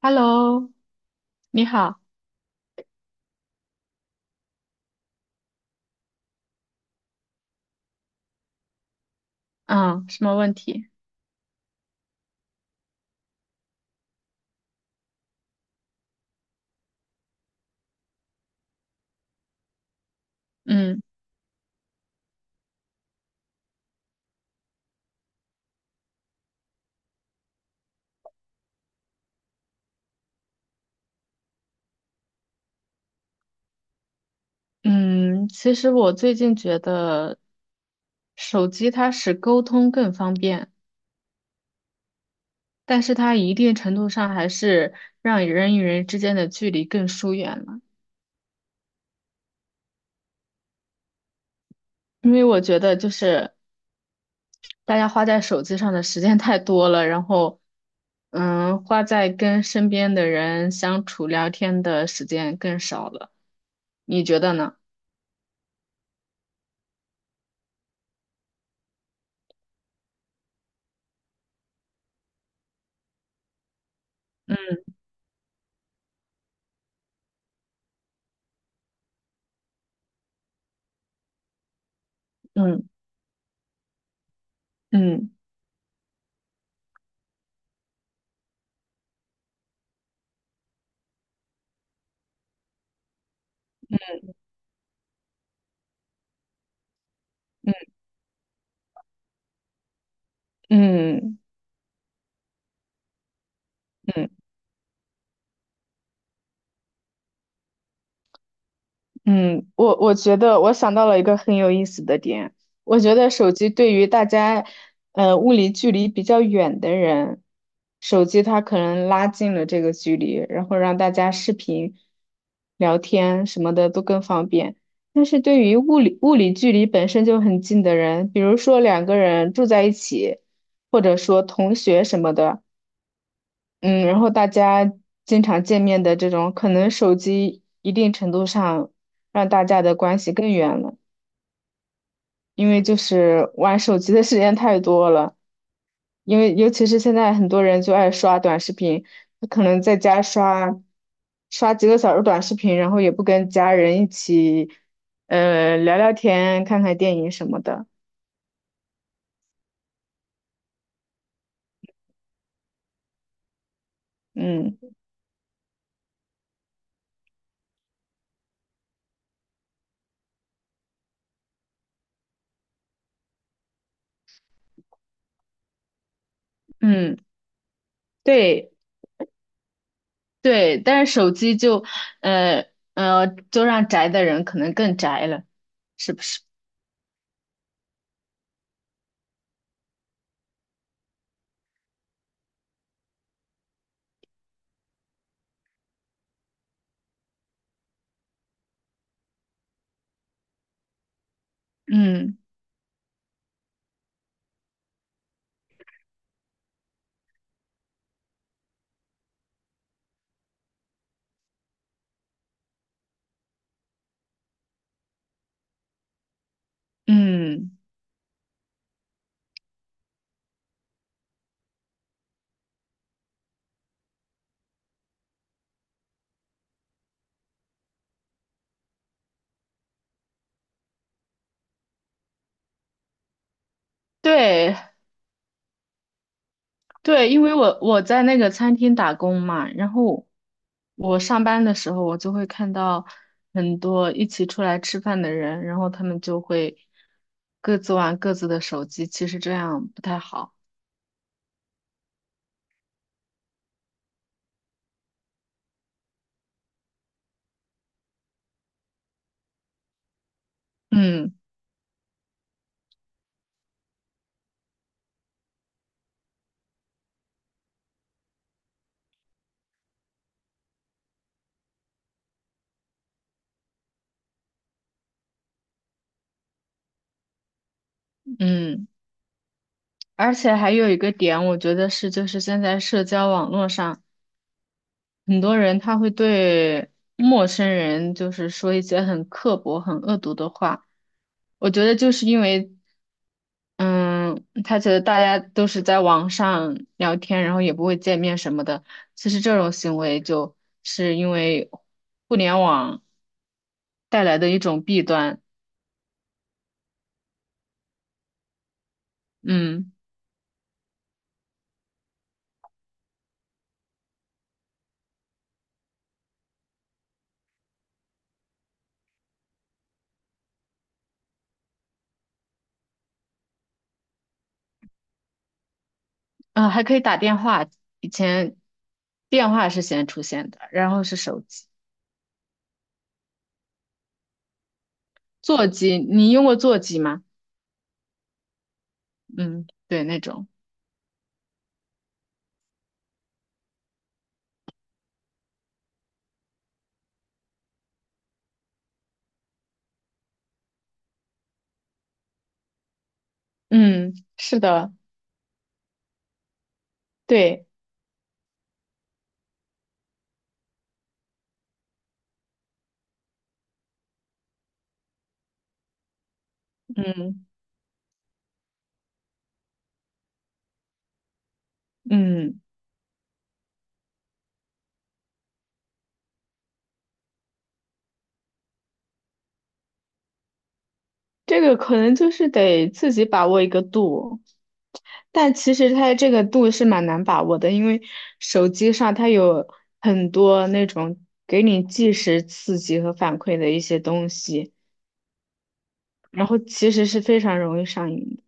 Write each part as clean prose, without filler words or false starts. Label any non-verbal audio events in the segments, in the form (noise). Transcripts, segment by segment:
Hello，你好，嗯，什么问题？嗯嗯，其实我最近觉得，手机它使沟通更方便，但是它一定程度上还是让人与人之间的距离更疏远了。因为我觉得就是大家花在手机上的时间 (laughs) 太多了，然后，花在跟身边的人相处聊天的时间更少了。你觉得呢？嗯嗯嗯嗯嗯。嗯，我觉得我想到了一个很有意思的点，我觉得手机对于大家，物理距离比较远的人，手机它可能拉近了这个距离，然后让大家视频、聊天什么的都更方便。但是对于物理距离本身就很近的人，比如说两个人住在一起，或者说同学什么的。嗯，然后大家经常见面的这种，可能手机一定程度上让大家的关系更远了，因为就是玩手机的时间太多了，因为尤其是现在很多人就爱刷短视频，他可能在家刷几个小时短视频，然后也不跟家人一起聊聊天、看看电影什么的，嗯嗯，对对，但是手机就呃就让宅的人可能更宅了。是不是？嗯嗯，对对，因为我在那个餐厅打工嘛，然后我上班的时候，我就会看到很多一起出来吃饭的人，然后他们就会各自玩各自的手机，其实这样不太好。嗯嗯，而且还有一个点，我觉得是就是现在社交网络上。很多人他会对陌生人就是说一些很刻薄、很恶毒的话。我觉得就是因为，嗯，他觉得大家都是在网上聊天，然后也不会见面什么的。其实这种行为就是因为互联网带来的一种弊端。嗯，啊，还可以打电话，以前电话是先出现的，然后是手机、座机。你用过座机吗？嗯，对，那种。嗯，是的，对，嗯嗯，这个可能就是得自己把握一个度，但其实它这个度是蛮难把握的，因为手机上它有很多那种给你即时刺激和反馈的一些东西，然后其实是非常容易上瘾的。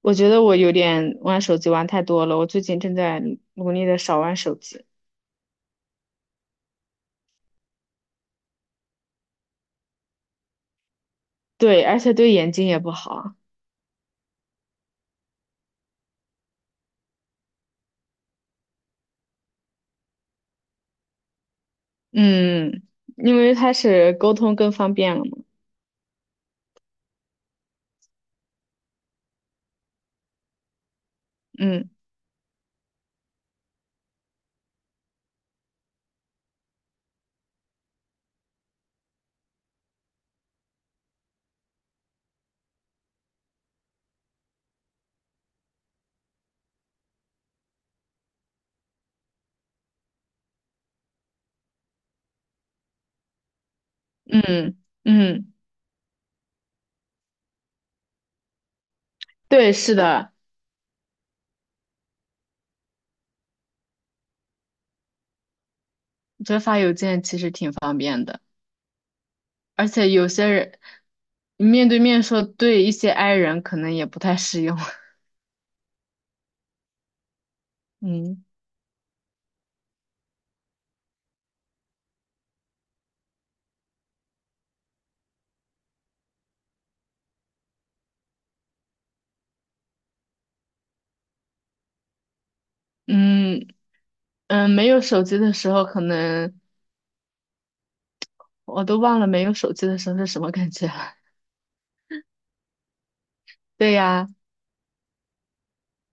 我觉得我有点玩手机玩太多了，我最近正在努力的少玩手机，对，而且对眼睛也不好，嗯，因为它是沟通更方便了嘛，嗯。嗯嗯，对，是的，折发邮件其实挺方便的，而且有些人你面对面说，对一些 i 人可能也不太适用。(laughs) 嗯嗯嗯，没有手机的时候，可能我都忘了没有手机的时候是什么感觉了。(laughs) 对呀，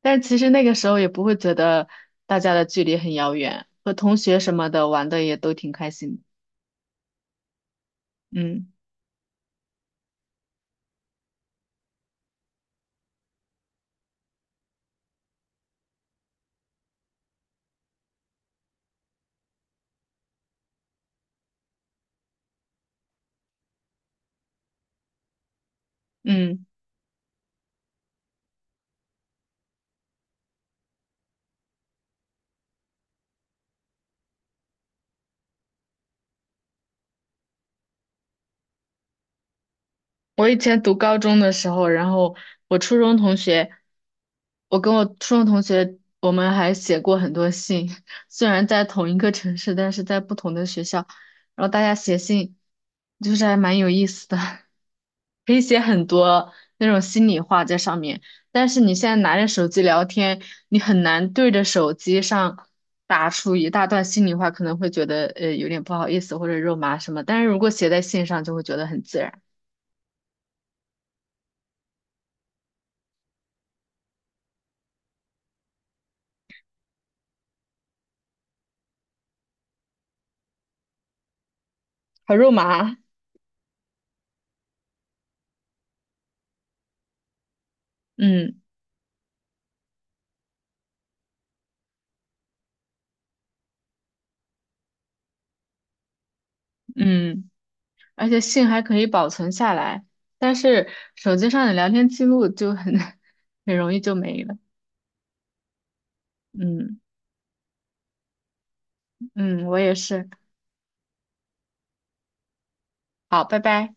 但其实那个时候也不会觉得大家的距离很遥远，和同学什么的玩的也都挺开心的。嗯嗯。我以前读高中的时候，然后我初中同学，我跟我初中同学，我们还写过很多信，(laughs) 虽然在同一个城市，但是在不同的学校，然后大家写信，就是还蛮有意思的，(laughs) 可以写很多那种心里话在上面。但是你现在拿着手机聊天，你很难对着手机上打出一大段心里话，可能会觉得有点不好意思或者肉麻什么，但是如果写在信上，就会觉得很自然。烤肉麻，嗯嗯，而且信还可以保存下来，但是手机上的聊天记录就很 (laughs) 很容易就没了。嗯嗯，我也是。好，拜拜。